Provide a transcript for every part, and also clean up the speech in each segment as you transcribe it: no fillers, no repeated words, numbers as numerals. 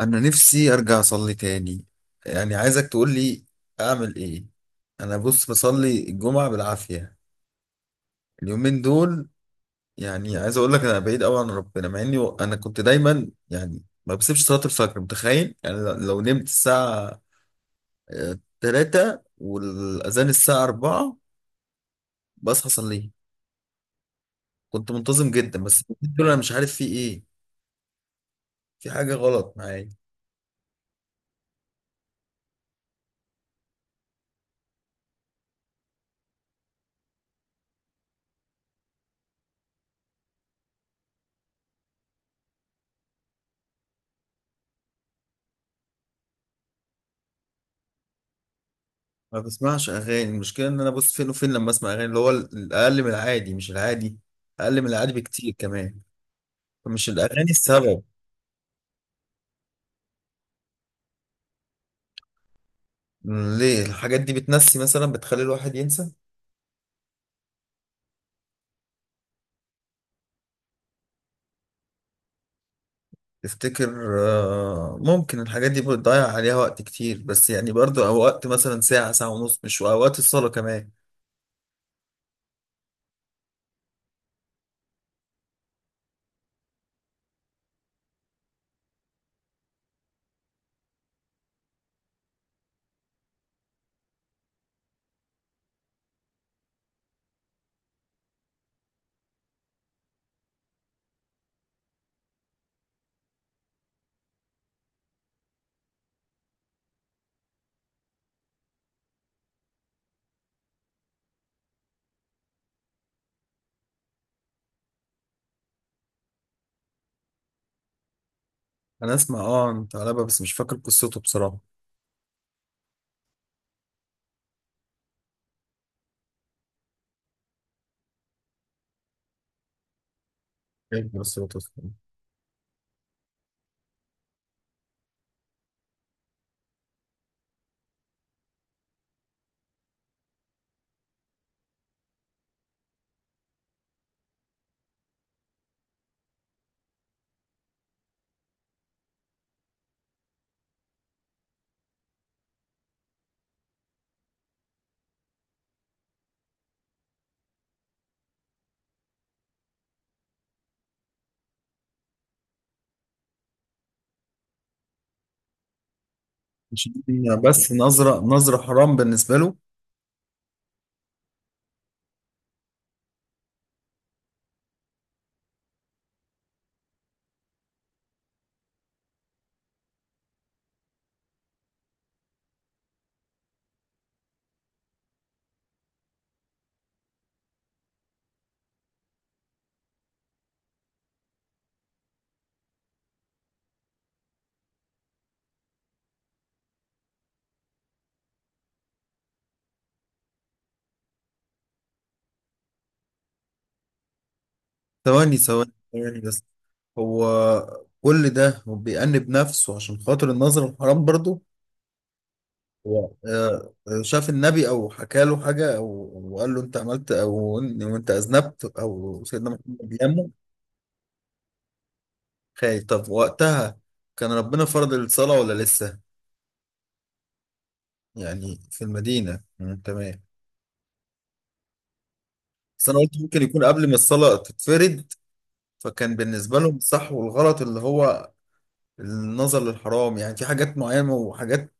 انا نفسي ارجع اصلي تاني. يعني عايزك تقول لي اعمل ايه. انا بص بصلي الجمعة بالعافية اليومين دول. يعني عايز اقول لك انا بعيد قوي عن ربنا مع اني انا كنت دايما، يعني ما بسيبش صلاة الفجر. متخيل يعني لو نمت الساعة 3 والاذان الساعة 4 بصحى اصليه. كنت منتظم جدا، بس اليومين دول انا مش عارف في ايه. في حاجة غلط معايا. ما بسمعش اغاني. المشكله ان انا بص فين وفين، لما اسمع اغاني اللي هو الاقل من العادي، مش العادي، اقل من العادي بكتير كمان. فمش الاغاني السبب. ليه الحاجات دي بتنسي مثلا، بتخلي الواحد ينسى؟ تفتكر ممكن الحاجات دي بتضيع عليها وقت كتير، بس يعني برضو اوقات مثلا ساعه، ساعه ونص، مش اوقات الصلاه كمان. انا اسمع اه انت علبة، بس مش فاكر قصته بصراحه. إيه قصته؟ مش دي بس، نظره حرام بالنسبه له. ثواني ثواني ثواني بس. هو كل ده هو بيأنب نفسه عشان خاطر النظر الحرام برضه؟ هو شاف النبي او حكى له حاجه او أو قال له انت عملت او وانت اذنبت او سيدنا محمد بيامه؟ خايف. طب وقتها كان ربنا فرض الصلاه ولا لسه؟ يعني في المدينه. مم، تمام. بس انا قلت ممكن يكون قبل ما الصلاه تتفرض. فكان بالنسبه لهم الصح والغلط اللي هو النظر للحرام، يعني في حاجات معينه وحاجات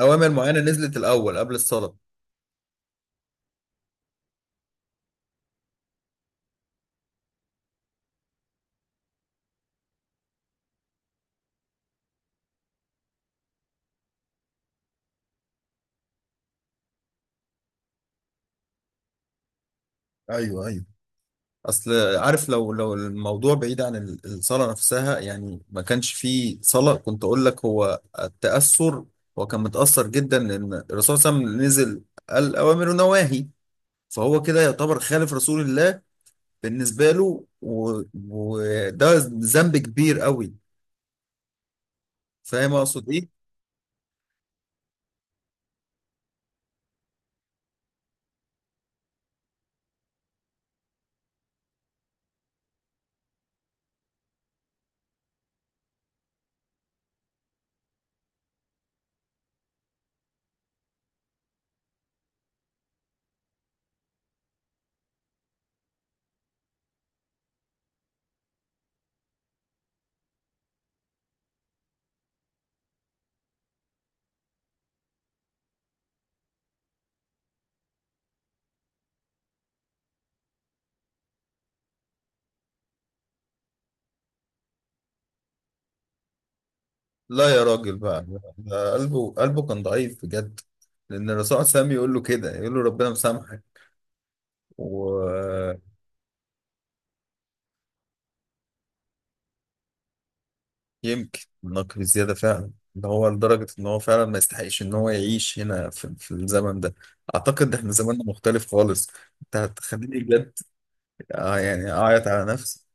اوامر معينه نزلت الاول قبل الصلاه. ايوه ايوه. اصل عارف، لو الموضوع بعيد عن الصلاه نفسها، يعني ما كانش فيه صلاه، كنت اقول لك هو التاثر. هو كان متاثر جدا، لان الرسول صلى الله عليه وسلم نزل، قال اوامر ونواهي، فهو كده يعتبر خالف رسول الله بالنسبه له. وده ذنب كبير قوي. فاهم اقصد ايه؟ لا يا راجل بقى. ده قلبه كان ضعيف بجد. لان الرسول صلى الله عليه وسلم يقول له كده، يقول له ربنا مسامحك. ويمكن نقل زيادة فعلا، ان هو لدرجة ان هو فعلا ما يستحقش ان هو يعيش هنا في الزمن ده. اعتقد احنا زماننا مختلف خالص. انت هتخليني بجد يعني اعيط على نفسي.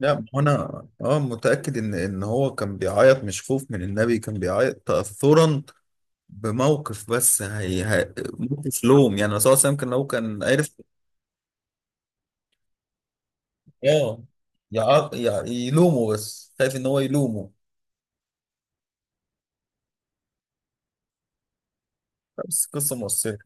لا ما هو انا اه متأكد ان ان هو كان بيعيط مش خوف من النبي، كان بيعيط تأثرا بموقف، بس هي موقف لوم، يعني الرسول صلى الله عليه وسلم كان لو كان عرف اه يلومه، بس خايف ان هو يلومه. بس قصة مؤثرة.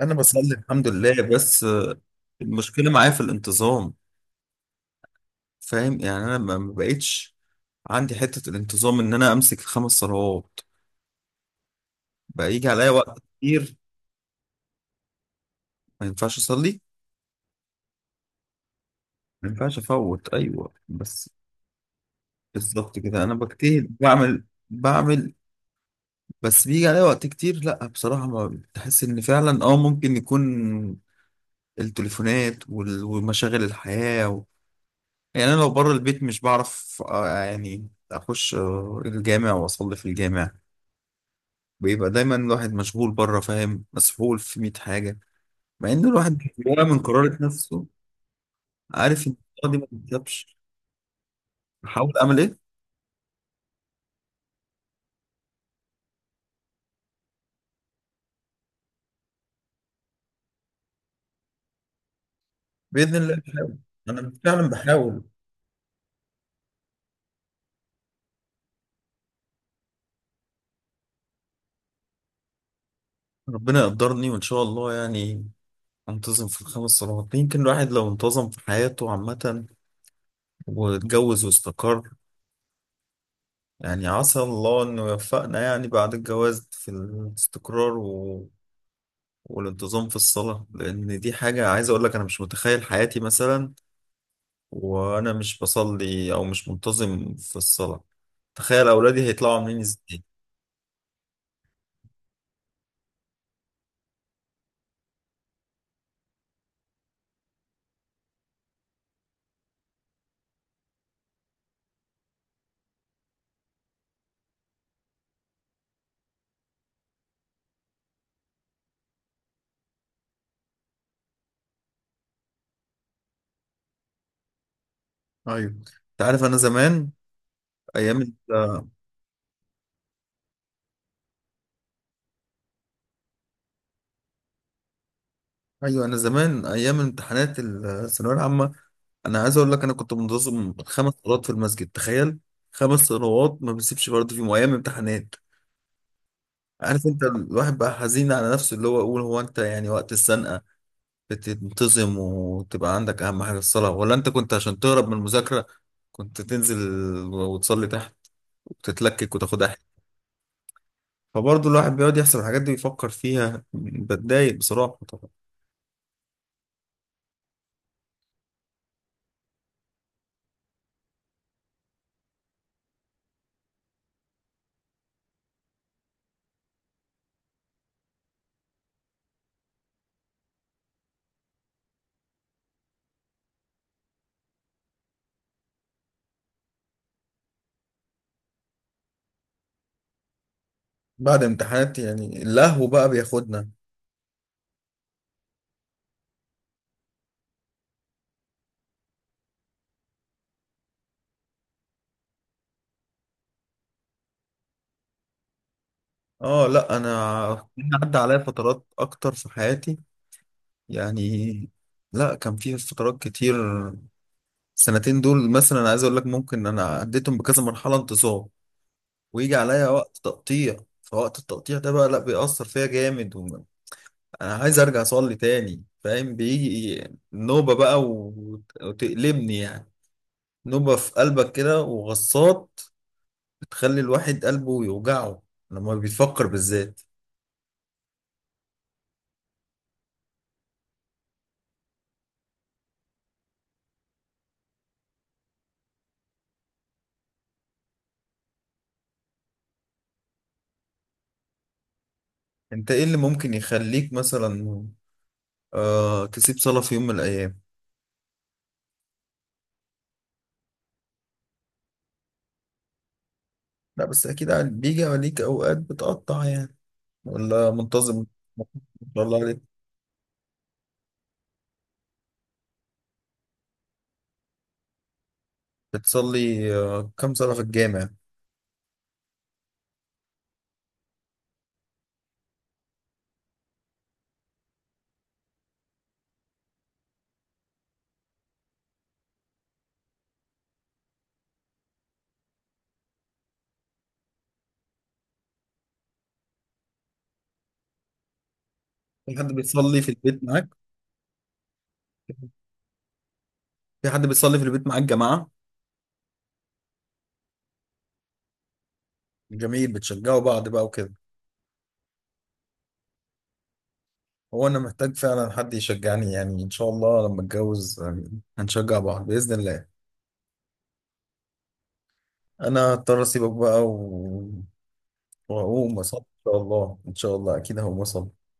انا بصلي الحمد لله، بس المشكله معايا في الانتظام. فاهم يعني انا ما ما بقتش عندي حته الانتظام ان انا امسك الخمس صلوات. بقى يجي عليا وقت كتير ما ينفعش اصلي، ما ينفعش افوت. ايوه بس بالظبط كده. انا بجتهد بعمل، بس بيجي عليا وقت كتير. لا بصراحه ما بتحس ان فعلا اه ممكن يكون التليفونات ومشاغل الحياه. يعني انا لو بره البيت مش بعرف يعني اخش الجامع واصلي في الجامع. بيبقى دايما الواحد مشغول بره، فاهم، مسحول في 100 حاجه، مع ان الواحد جواه من قرارة نفسه عارف ان القرار دي ما بتكتبش. بحاول اعمل ايه؟ باذن الله بحاول. انا فعلا بحاول. ربنا يقدرني وان شاء الله، يعني انتظم في الخمس صلوات. يمكن الواحد لو انتظم في حياته عامه، واتجوز واستقر، يعني عسى الله انه يوفقنا يعني بعد الجواز في الاستقرار والانتظام في الصلاة. لأن دي حاجة عايز أقول لك، أنا مش متخيل حياتي مثلا وأنا مش بصلي أو مش منتظم في الصلاة. تخيل أولادي هيطلعوا عاملين إزاي. ايوه أنت عارف أنا زمان أيام ال- أيوه أنا زمان أيام امتحانات الثانوية العامة أنا عايز أقول لك أنا كنت منتظم خمس صلوات في المسجد. تخيل، خمس صلوات ما بسيبش برضه فيهم أيام امتحانات. عارف أنت الواحد بقى حزين على نفسه، اللي هو يقول هو أنت يعني وقت السنة بتنتظم وتبقى عندك أهم حاجة الصلاة، ولا أنت كنت عشان تهرب من المذاكرة كنت تنزل وتصلي تحت وتتلكك وتاخدها حلو؟ فبرضه الواحد بيقعد يحسب الحاجات دي ويفكر فيها، بتضايق بصراحة طبعا. بعد امتحانات يعني اللهو بقى بياخدنا. اه لا انا عدى عليا فترات اكتر في حياتي يعني. لا كان في فترات كتير. السنتين دول مثلا أنا عايز اقول لك ممكن انا عديتهم بكذا مرحلة انتصاب ويجي عليا وقت تقطيع. فوقت التقطيع ده بقى لا بيأثر فيا جامد انا عايز ارجع اصلي تاني، فاهم، بيجي نوبة بقى وتقلبني، يعني نوبة في قلبك كده وغصات بتخلي الواحد قلبه يوجعه لما بيفكر بالذات. انت ايه اللي ممكن يخليك مثلا آه تسيب صلاة في يوم من الايام؟ لا بس اكيد عاد بيجي عليك اوقات بتقطع يعني، ولا منتظم؟ ما شاء الله عليك. بتصلي آه كم صلاة في الجامع؟ في حد بيصلي في البيت معاك؟ في حد بيصلي في البيت معاك جماعة؟ جميل، بتشجعوا بعض بقى وكده. هو انا محتاج فعلا حد يشجعني، يعني ان شاء الله لما اتجوز هنشجع بعض بإذن الله. انا هضطر اسيبك بقى و... واقوم اصلي ان شاء الله. ان شاء الله اكيد هقوم اصلي.